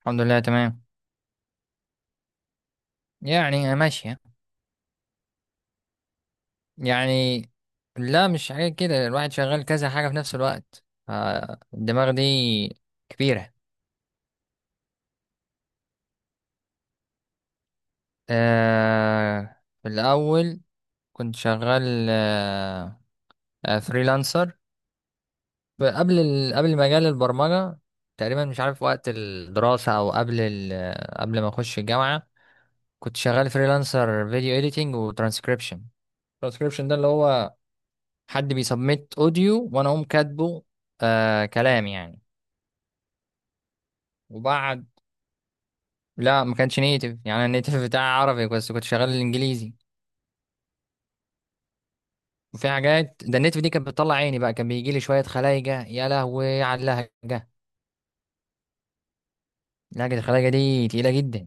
الحمد لله تمام. يعني ماشية يعني. يعني. لا، مش حاجة كده، الواحد شغال كذا حاجة في نفس الوقت، فالدماغ دي كبيرة. آه، في الأول كنت شغال فريلانسر قبل قبل مجال البرمجة. تقريبا مش عارف، وقت الدراسة أو قبل قبل ما أخش الجامعة كنت شغال فريلانسر فيديو إيديتنج وترانسكريبشن. الترانسكريبشن ده اللي هو حد بيسبميت اوديو وانا اقوم كاتبه، كلام يعني. وبعد لا، ما كانش نيتف، يعني أنا النيتف بتاعي عربي بس كنت شغال الانجليزي. وفي حاجات، ده النيتف دي كانت بتطلع عيني بقى، كان بيجي لي شويه خلايجه، يا لهوي على اللهجه! لهجه الخلايجه دي تقيله جدا.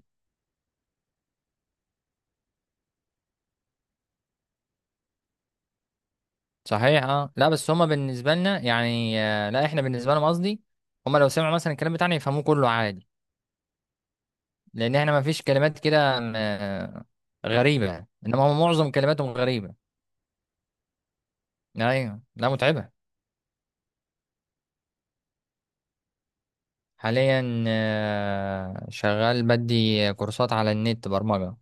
صحيح اه، لا بس هما بالنسبه لنا يعني لا احنا بالنسبه لهم قصدي. هما لو سمعوا مثلا الكلام بتاعنا يفهموه كله عادي. لان احنا ما فيش كلمات كده آه، غريبه يعني. انما هما معظم كلماتهم غريبه. ايوه، لا متعبه. حاليا شغال بدي كورسات على النت برمجة.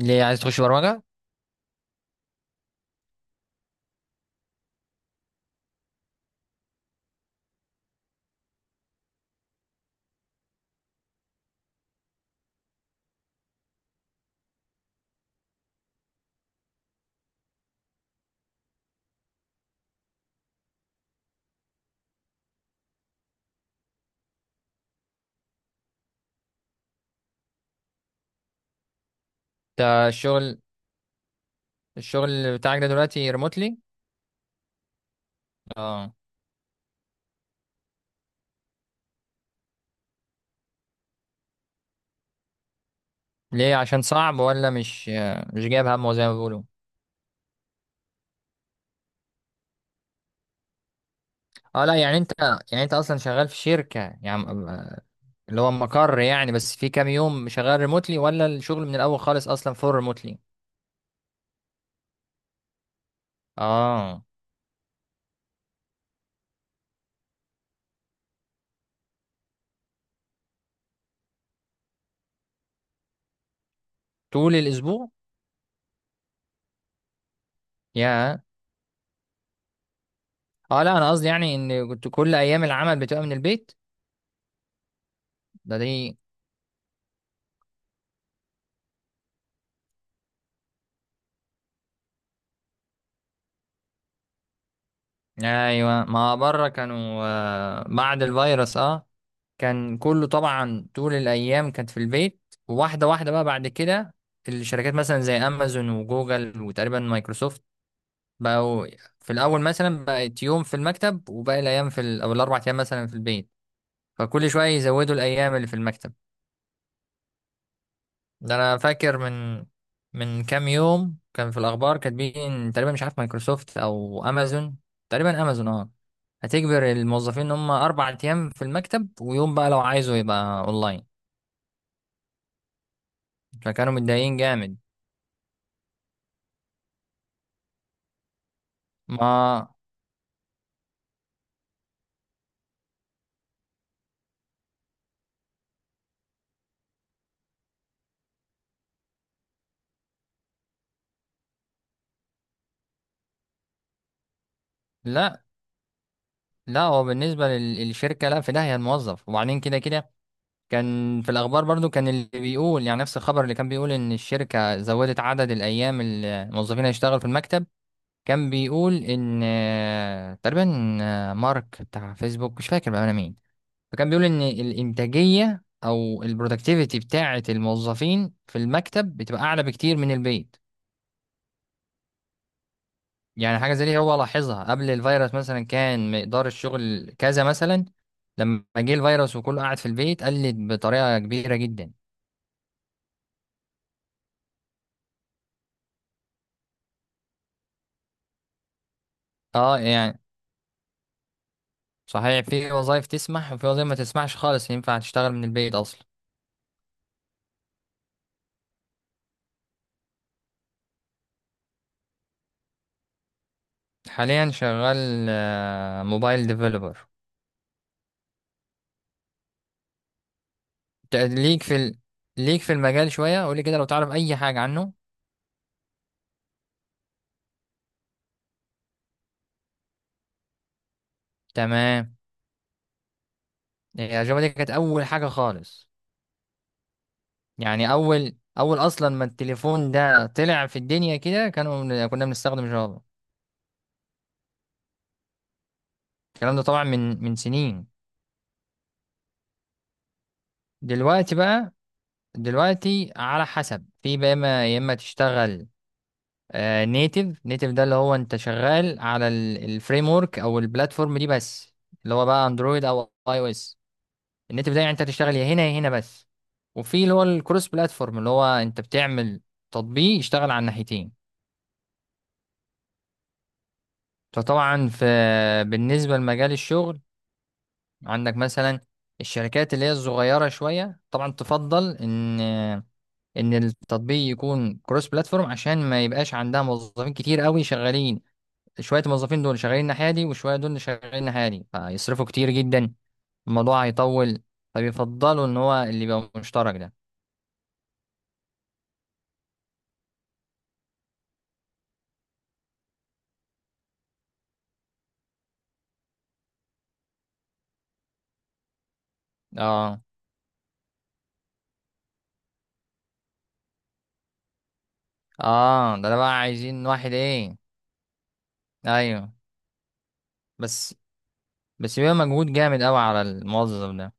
ليه عايز تخش برمجة؟ ده الشغل الشغل بتاعك ده دلوقتي ريموتلي؟ اه. ليه، عشان صعب ولا مش مش جايب همه زي ما بيقولوا؟ اه لا، يعني انت اصلا شغال في شركة يعني اللي هو مقر يعني، بس في كام يوم شغال ريموتلي ولا الشغل من الاول خالص اصلا فور ريموتلي؟ اه. طول الاسبوع؟ يا اه، لا انا قصدي يعني ان كنت كل ايام العمل بتبقى من البيت. ده دي ايوه، ما بره كانوا بعد الفيروس اه. كان كله طبعا طول الايام كانت في البيت. وواحده واحده بقى بعد كده الشركات مثلا زي امازون وجوجل وتقريبا مايكروسوفت بقوا، في الاول مثلا بقت يوم في المكتب وباقي الايام في او الاربع ايام مثلا في البيت. فكل شويه يزودوا الايام اللي في المكتب. ده انا فاكر من كام يوم كان في الاخبار كاتبين تقريبا، مش عارف مايكروسوفت او امازون، تقريبا امازون اه. هتجبر الموظفين ان هم اربع ايام في المكتب ويوم بقى لو عايزه يبقى اونلاين. فكانوا متضايقين جامد. ما لا لا، هو بالنسبه للشركه لا، في داهيه الموظف وبعدين كده كده. كان في الاخبار برضو كان اللي بيقول يعني نفس الخبر اللي كان بيقول ان الشركه زودت عدد الايام اللي الموظفين هيشتغل في المكتب. كان بيقول ان تقريبا مارك بتاع فيسبوك، مش فاكر بقى انا مين. فكان بيقول ان الانتاجيه او البرودكتيفيتي بتاعه الموظفين في المكتب بتبقى اعلى بكتير من البيت. يعني حاجه زي دي هو لاحظها قبل الفيروس مثلا كان مقدار الشغل كذا مثلا. لما جه الفيروس وكله قاعد في البيت قلت بطريقه كبيره جدا. اه يعني صحيح، في وظائف تسمح وفي وظائف ما تسمحش خالص ينفع تشتغل من البيت اصلا. حاليا شغال موبايل ديفلوبر. ليك في ليك في المجال شوية، قولي كده لو تعرف أي حاجة عنه. تمام، الأجابة دي كانت أول حاجة خالص. يعني أول أصلا ما التليفون ده طلع في الدنيا كده كانوا كنا بنستخدم جافا. الكلام ده طبعا من سنين. دلوقتي بقى دلوقتي على حسب في بقى، إما يا إما تشتغل نيتف. نيتف ده اللي هو أنت شغال على الفريم ورك أو البلاتفورم دي بس، اللي هو بقى أندرويد أو أي أو إس. ان انت بتاعي يعني انت هتشتغل يا هنا يا هنا بس. وفي اللي هو الكروس بلاتفورم، اللي هو انت بتعمل تطبيق يشتغل على الناحيتين. فطبعا في، بالنسبه لمجال الشغل عندك مثلا الشركات اللي هي الصغيره شويه طبعا تفضل ان التطبيق يكون كروس بلاتفورم عشان ما يبقاش عندها موظفين كتير قوي شغالين. شويه الموظفين دول شغالين الناحيه دي وشويه دول شغالين الناحيه دي فيصرفوا كتير جدا. الموضوع هيطول. فبيفضلوا ان هو اللي يبقى مشترك ده. اه. اه. ده انا بقى عايزين واحد ايه. ايوه. بس بس بيبقى مجهود جامد قوي على الموظف ده.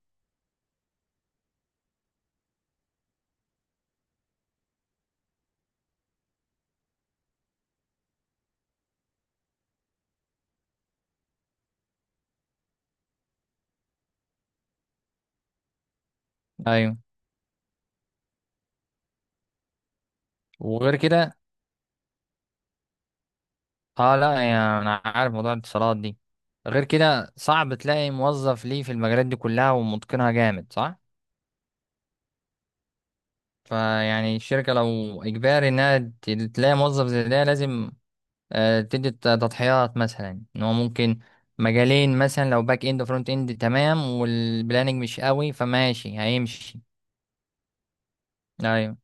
ايوه. وغير كده اه لا، يعني انا عارف موضوع الاتصالات دي، غير كده صعب تلاقي موظف ليه في المجالات دي كلها ومتقنها جامد صح. فيعني الشركة لو اجباري انها تلاقي موظف زي ده لازم تدي تضحيات مثلا ان هو ممكن مجالين مثلا لو باك اند وفرونت اند تمام، والبلاننج مش قوي فماشي هيمشي. ايوه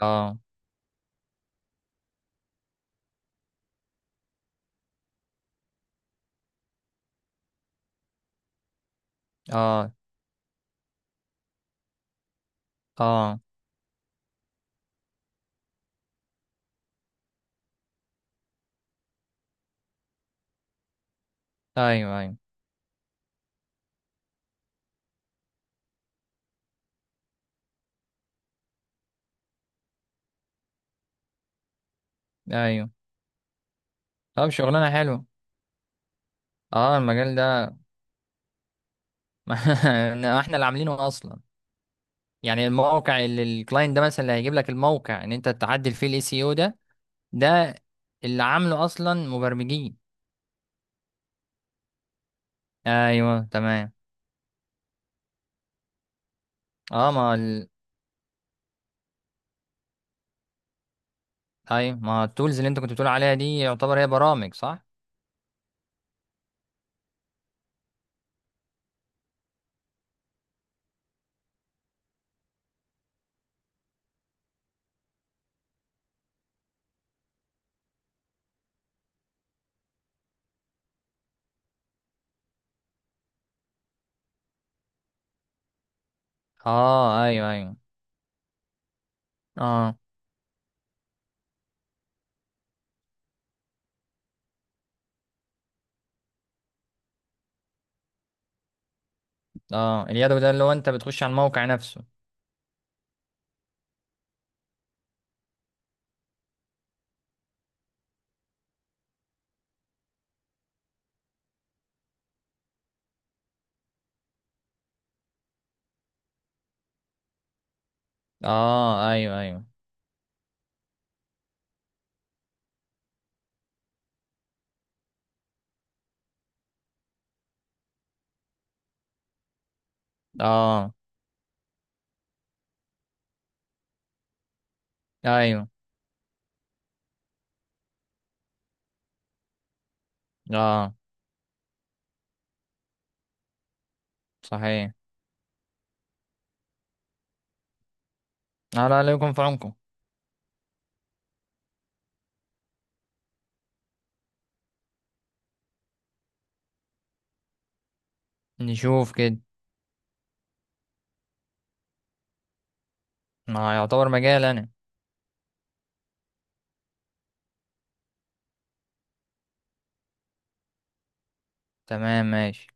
اه اه اه ايوه ايوه ايوه. طب شغلانه حلوه. اه المجال ده، ما احنا اللي عاملينه اصلا. يعني الموقع اللي الكلاينت ده مثلا اللي هيجيب لك الموقع ان انت تعدل فيه الاي سي او ده، ده اللي عامله اصلا مبرمجين. ايوه تمام. اه ما ايوه ما التولز اللي انت كنت بتقول عليها دي يعتبر هي برامج صح. اه ايوه ايوه. اه اه، اليدوي ده اللي هو انت بتخش على الموقع نفسه. اه ايوه ايوه. اه ايوه اه. صحيح. لا لا، لا يكون في عمكم. نشوف كده. ما يعتبر مجال انا. تمام ماشي.